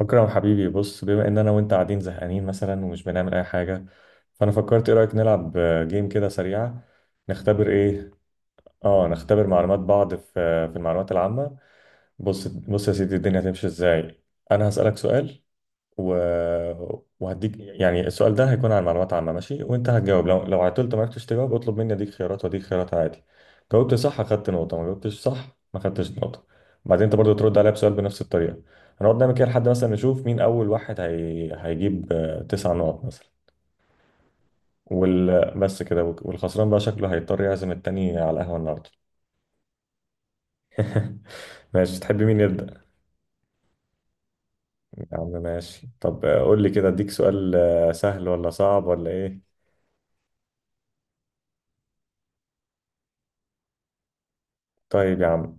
أكرم حبيبي، بص، بما إن أنا وأنت قاعدين زهقانين مثلا ومش بنعمل أي حاجة، فأنا فكرت إيه رأيك نلعب جيم كده سريعة. نختبر إيه؟ نختبر معلومات بعض في و... وهديك يعني السؤال ده هيكون عن معلومات عامة، ماشي، وانت هتجاوب، لو عطلت ما عرفتش تجاوب اطلب مني اديك خيارات واديك خيارات عادي. جاوبت صح اخدت نقطة، ما جاوبتش صح ما خدتش نقطة. بعدين انت برضو ترد عليا بسؤال بنفس الطريقة. هنقعد نعمل كده لحد مثلا نشوف مين اول واحد هيجيب تسع نقط مثلا. بس كده، والخسران بقى شكله هيضطر يعزم التاني على القهوة النهاردة. ماشي، تحب مين يبدأ؟ يا عم ماشي، طب قول لي كده اديك سؤال سهل ولا صعب ولا ايه؟ طيب يا عم.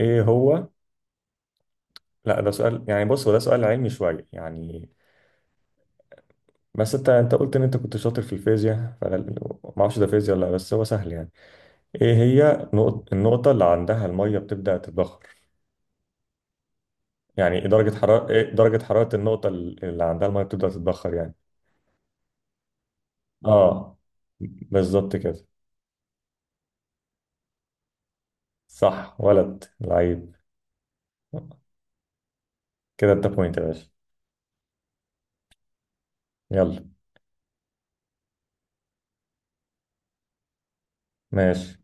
ايه هو؟ لا ده سؤال، يعني بص هو ده سؤال علمي شويه يعني. بس انت قلت ان انت كنت شاطر في الفيزياء، فانا ما اعرفش ده فيزياء ولا لا، بس هو سهل يعني. ايه هي النقطه اللي عندها الميه بتبدا تتبخر، يعني إيه درجه حراره، النقطه اللي عندها الميه بتبدا تتبخر يعني؟ اه، بالظبط كده. صح، ولد لعيب. كده انت بوينت يا باشا. يلا. ماشي،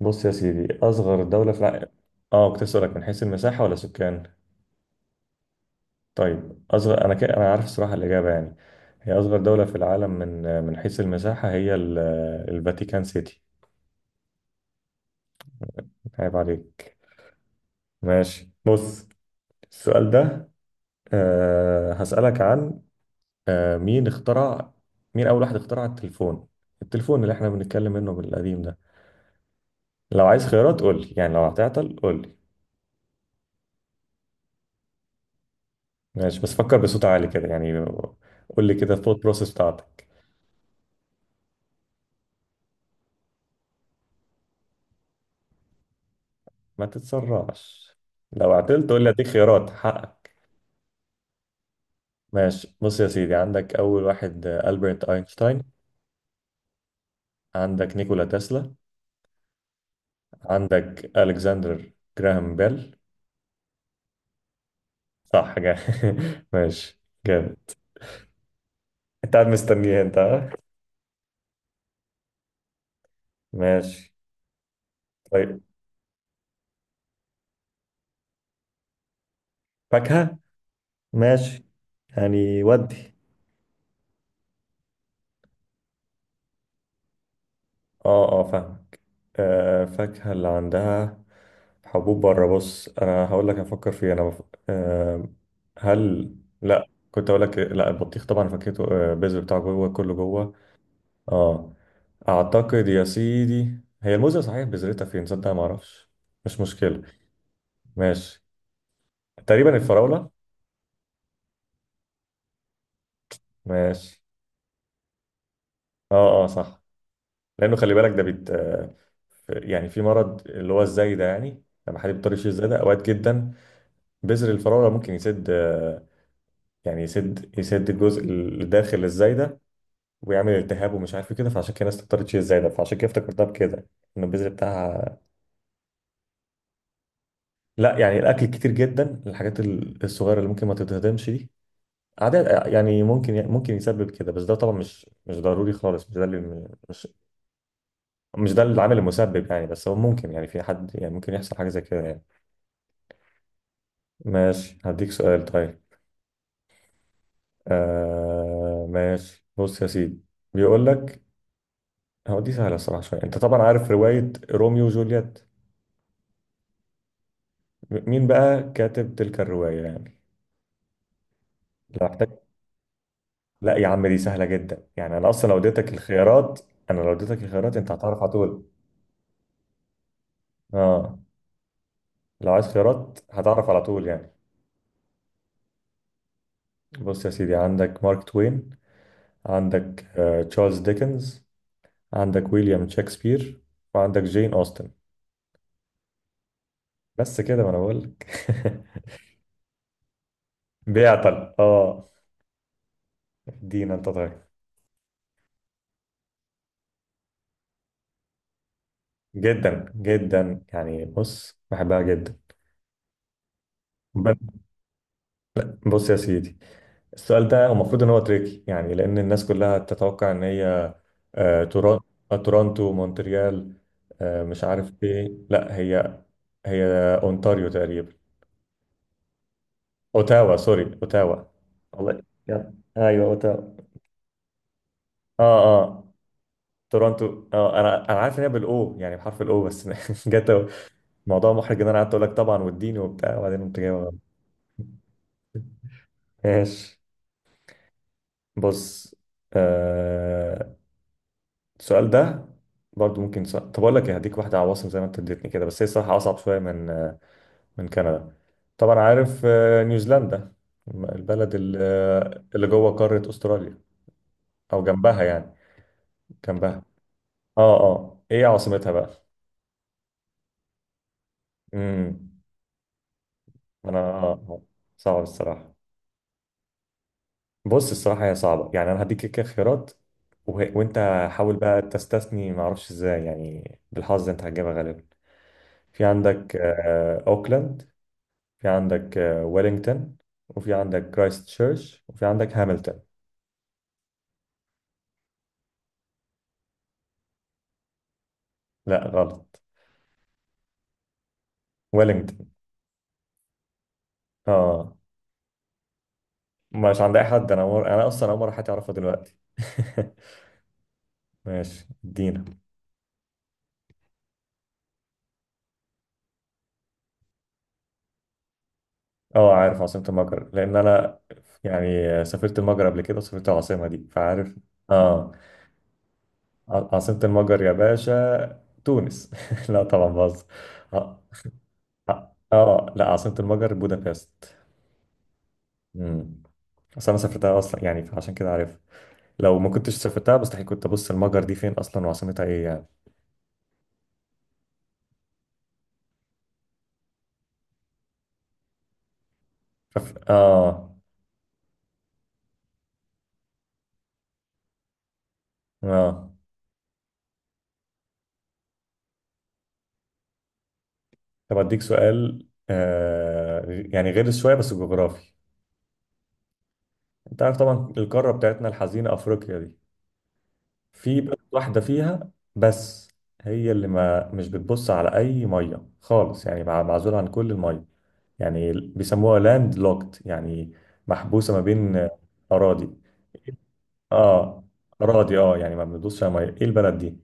بص يا سيدي، اصغر دوله في العالم. اه، كنت اسالك من حيث المساحه ولا سكان؟ طيب، أصغر، أنا عارف الصراحة الإجابة يعني. هي أصغر دولة في العالم من حيث المساحة هي الفاتيكان سيتي. عيب عليك. ماشي، بص. السؤال ده. هسألك عن مين اخترع، مين أول واحد اخترع التليفون؟ التليفون اللي احنا بنتكلم منه من القديم ده. لو عايز خيارات قول لي، يعني لو هتعطل قول لي. ماشي، بس فكر بصوت عالي كده يعني، قول لي كده الثوت بروسيس بتاعتك. ما تتسرعش، لو عطلت قول لي اديك خيارات، حقك. ماشي، بص يا سيدي، عندك أول واحد ألبرت أينشتاين. عندك نيكولا تسلا. عندك ألكسندر جراهام بيل. صح، جا. ماشي. جامد. أنت قاعد مستنيه أنت، ها؟ ماشي. طيب. فاكهة؟ ماشي. يعني ودي. اه اه، فاهمك. فاكهة اللي عندها حبوب بره، بص أنا هقول لك أفكر فيه، أنا آه هل. لا، كنت أقول لك لا البطيخ طبعا فاكهته البذر بتاعه جوه، كله جوه. اه، اعتقد يا سيدي هي الموزة، صحيح بذرتها فين صدق ما اعرفش. مش مشكلة. ماشي. تقريبا الفراولة. ماشي. اه اه، صح. لانه خلي بالك ده بيت يعني في مرض اللي هو الزايدة، يعني لما حد بيضطر يشيل زايدة اوقات جدا. بذر الفراولة ممكن يسد يعني يسد الجزء اللي داخل الزايدة، ويعمل التهاب ومش عارف إيه كده، فعشان كده الناس تضطر تشيل الزايدة، فعشان كده افتكرتها بكده، ان البذر بتاعها. لا يعني الاكل كتير جدا الحاجات الصغيرة اللي ممكن ما تتهضمش دي عادات، يعني ممكن يسبب كده، بس ده طبعا مش ضروري خالص، مش ده العامل المسبب يعني، بس هو ممكن، يعني في حد يعني ممكن يحصل حاجة زي كده يعني. ماشي، هديك سؤال طيب. ماشي، بص يا سيدي، بيقول لك، هو دي سهلة الصراحة شوية، انت طبعا عارف رواية روميو وجولييت. مين بقى كاتب تلك الرواية يعني؟ لو احتاج. لا يا عم دي سهلة جدا يعني، انا اصلا لو اديتك الخيارات، انا لو اديتك الخيارات انت هتعرف على طول. اه، لو عايز خيارات هتعرف على طول يعني. بص يا سيدي، عندك مارك توين، عندك تشارلز ديكنز، عندك ويليام شكسبير، وعندك جين أوستن. بس كده، ما انا بقول لك. بيعطل اه. ادينا انت طيب. جدا جدا يعني، بص بحبها جدا. ب- بص يا سيدي، السؤال ده المفروض ان هو تريكي يعني، لان الناس كلها تتوقع ان هي آه، تورون- تورونتو، مونتريال، مش عارف ايه، لا هي، هي اونتاريو تقريبا. اوتاوا، سوري، اوتاوا. والله، يلا ايوه اوتاوا. اه اه، تورونتو اه، انا عارف ان هي بالاو يعني بحرف الاو، بس جت موضوع محرج، ان انا قعدت اقول لك طبعا والدين وبتاع، وبعدين قمت جايبها غلط. ماشي، بص. آه السؤال ده برضو ممكن صعب. طب اقول لك إيه، هديك واحده عواصم زي ما انت اديتني كده، بس هي الصراحه اصعب شويه من من كندا. طبعا عارف نيوزيلندا، البلد اللي اللي جوه قاره استراليا، او جنبها يعني، جنبها. اه اه، ايه عاصمتها بقى؟ امم. انا آه. صعب الصراحه. بص الصراحه هي صعبه يعني، انا هديك كده خيارات. وانت حاول بقى تستثني، ما اعرفش ازاي، يعني بالحظ انت هتجيبها غالبا. في عندك اوكلاند، في عندك ويلينغتون، وفي عندك كرايست تشيرش، وفي عندك هامilton. لا غلط، ويلينغتون. اه، مش عند اي حد، انا انا اصلا اول مره حد يعرفها دلوقتي. ماشي، ادينا. اه عارف عاصمة المجر، لأن أنا يعني سافرت المجر قبل كده وسافرت العاصمة دي فعارف. اه. عاصمة المجر يا باشا تونس. لا طبعا بهزر. اه اه لا عاصمة المجر بودابست. امم. أصل أنا سافرتها أصلا يعني، فعشان كده عارف. لو ما كنتش سافرتها مستحيل كنت أبص المجر دي فين أصلا وعاصمتها إيه يعني. اه. اه، طب أديك سؤال يعني غير شوية بس جغرافي. أنت عارف طبعا القارة بتاعتنا الحزينة أفريقيا دي، في بلد واحدة فيها بس، هي اللي ما مش بتبص على أي مية خالص، يعني معزولة عن كل المية، يعني بيسموها لاند لوكت، يعني محبوسة ما بين أراضي. اه، أراضي اه، يعني ما بندوسش على مية، ايه البلد دي؟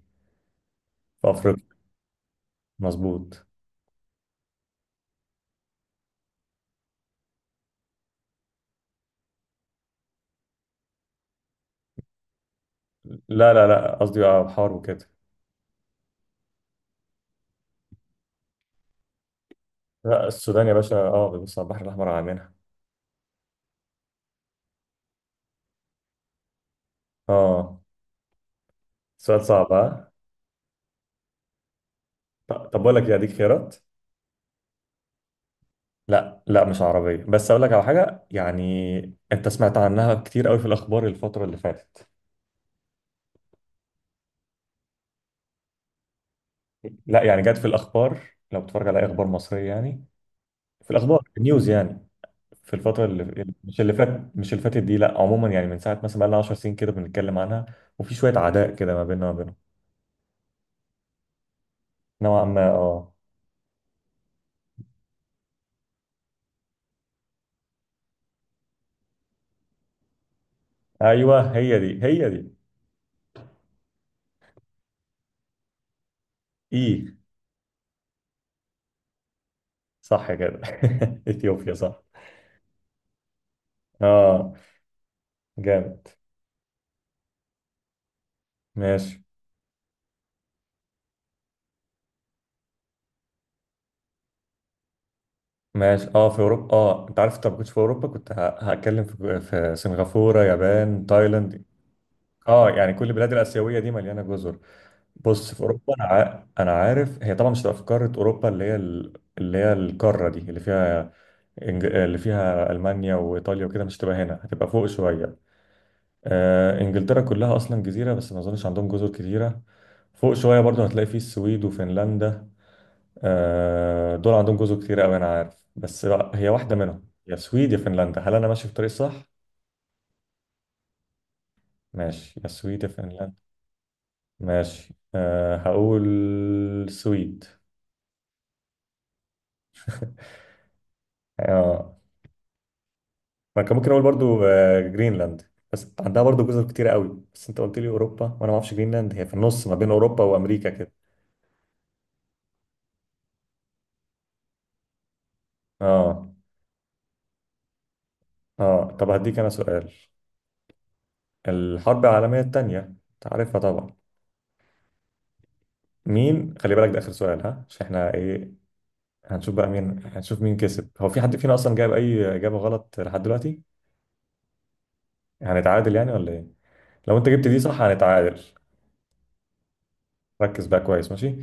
في أفريقيا، مظبوط. لا لا لا، قصدي اه بحار وكده. لا السودان يا باشا اه بيبص على البحر الأحمر على منها. اه، سؤال صعب، ها. طب بقول لك إيه، أديك خيارات. لا لا مش عربية، بس أقول لك على حاجة يعني، أنت سمعت عنها كتير قوي في الأخبار الفترة اللي فاتت. لا يعني جت في الأخبار، لو بتتفرج على أي أخبار مصرية يعني، في الأخبار في النيوز يعني، في الفترة اللي مش اللي فاتت دي، لا عموما يعني، من ساعة مثلا بقالنا 10 سنين كده بنتكلم عنها، وفي شوية عداء كده ما بيننا وما بينهم. نوعا ما أه. أيوه هي دي، هي دي. إيه؟ صح كده. إثيوبيا صح. أه، جامد. ماشي. ماشي، اه في اوروبا، اه انت عارف انت ما كنتش في اوروبا كنت هتكلم في سنغافوره، يابان، تايلاند. اه يعني كل البلاد الاسيويه دي مليانه جزر. بص في اوروبا، انا انا عارف هي طبعا مش هتبقى في قاره اوروبا اللي هي اللي هي القاره دي اللي فيها اللي فيها المانيا وايطاليا وكده، مش هتبقى هنا هتبقى فوق شويه. انجلترا كلها اصلا جزيره بس ما اظنش عندهم جزر كتيره. فوق شويه برضو هتلاقي فيه السويد وفنلندا. دول عندهم جزر كتير قوي، انا عارف بس بقى هي واحده منهم، يا السويد يا فنلندا، هل انا ماشي في الطريق صح؟ ماشي، يا السويد يا فنلندا. ماشي، هقول السويد. اه، ما كان ممكن اقول برضو جرينلاند، بس عندها برضو جزر كتير قوي، بس انت قلت لي اوروبا، وانا ما اعرفش جرينلاند هي في النص ما بين اوروبا وامريكا كده. اه اه، طب هديك انا سؤال. الحرب العالميه الثانيه انت عارفها طبعا. مين، خلي بالك ده اخر سؤال، ها، عشان احنا ايه، هنشوف بقى مين، هنشوف مين كسب، هو في حد فينا اصلا جاب اي اجابه غلط لحد دلوقتي؟ هنتعادل يعني ولا ايه؟ لو انت جبت دي صح هنتعادل. ركز بقى كويس، ماشي.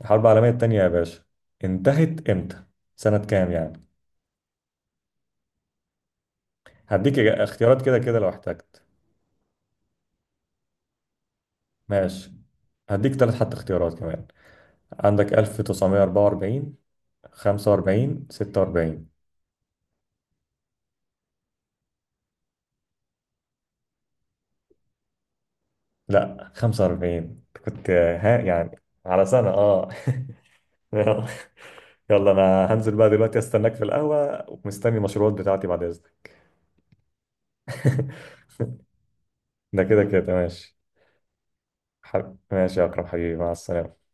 الحرب العالميه التانية يا باشا، انتهت امتى؟ سنه كام يعني؟ هديك اختيارات كده كده لو احتجت. ماشي، هديك ثلاث حتى اختيارات كمان. عندك 1944، 45، 46. لا 45 كنت ها يعني. على سنه، اه. يلا انا هنزل بقى دلوقتي، استناك في القهوة ومستني المشروبات بتاعتي بعد اذنك. ده كده كده، ماشي. ماشي يا اكرم حبيبي، مع السلامة.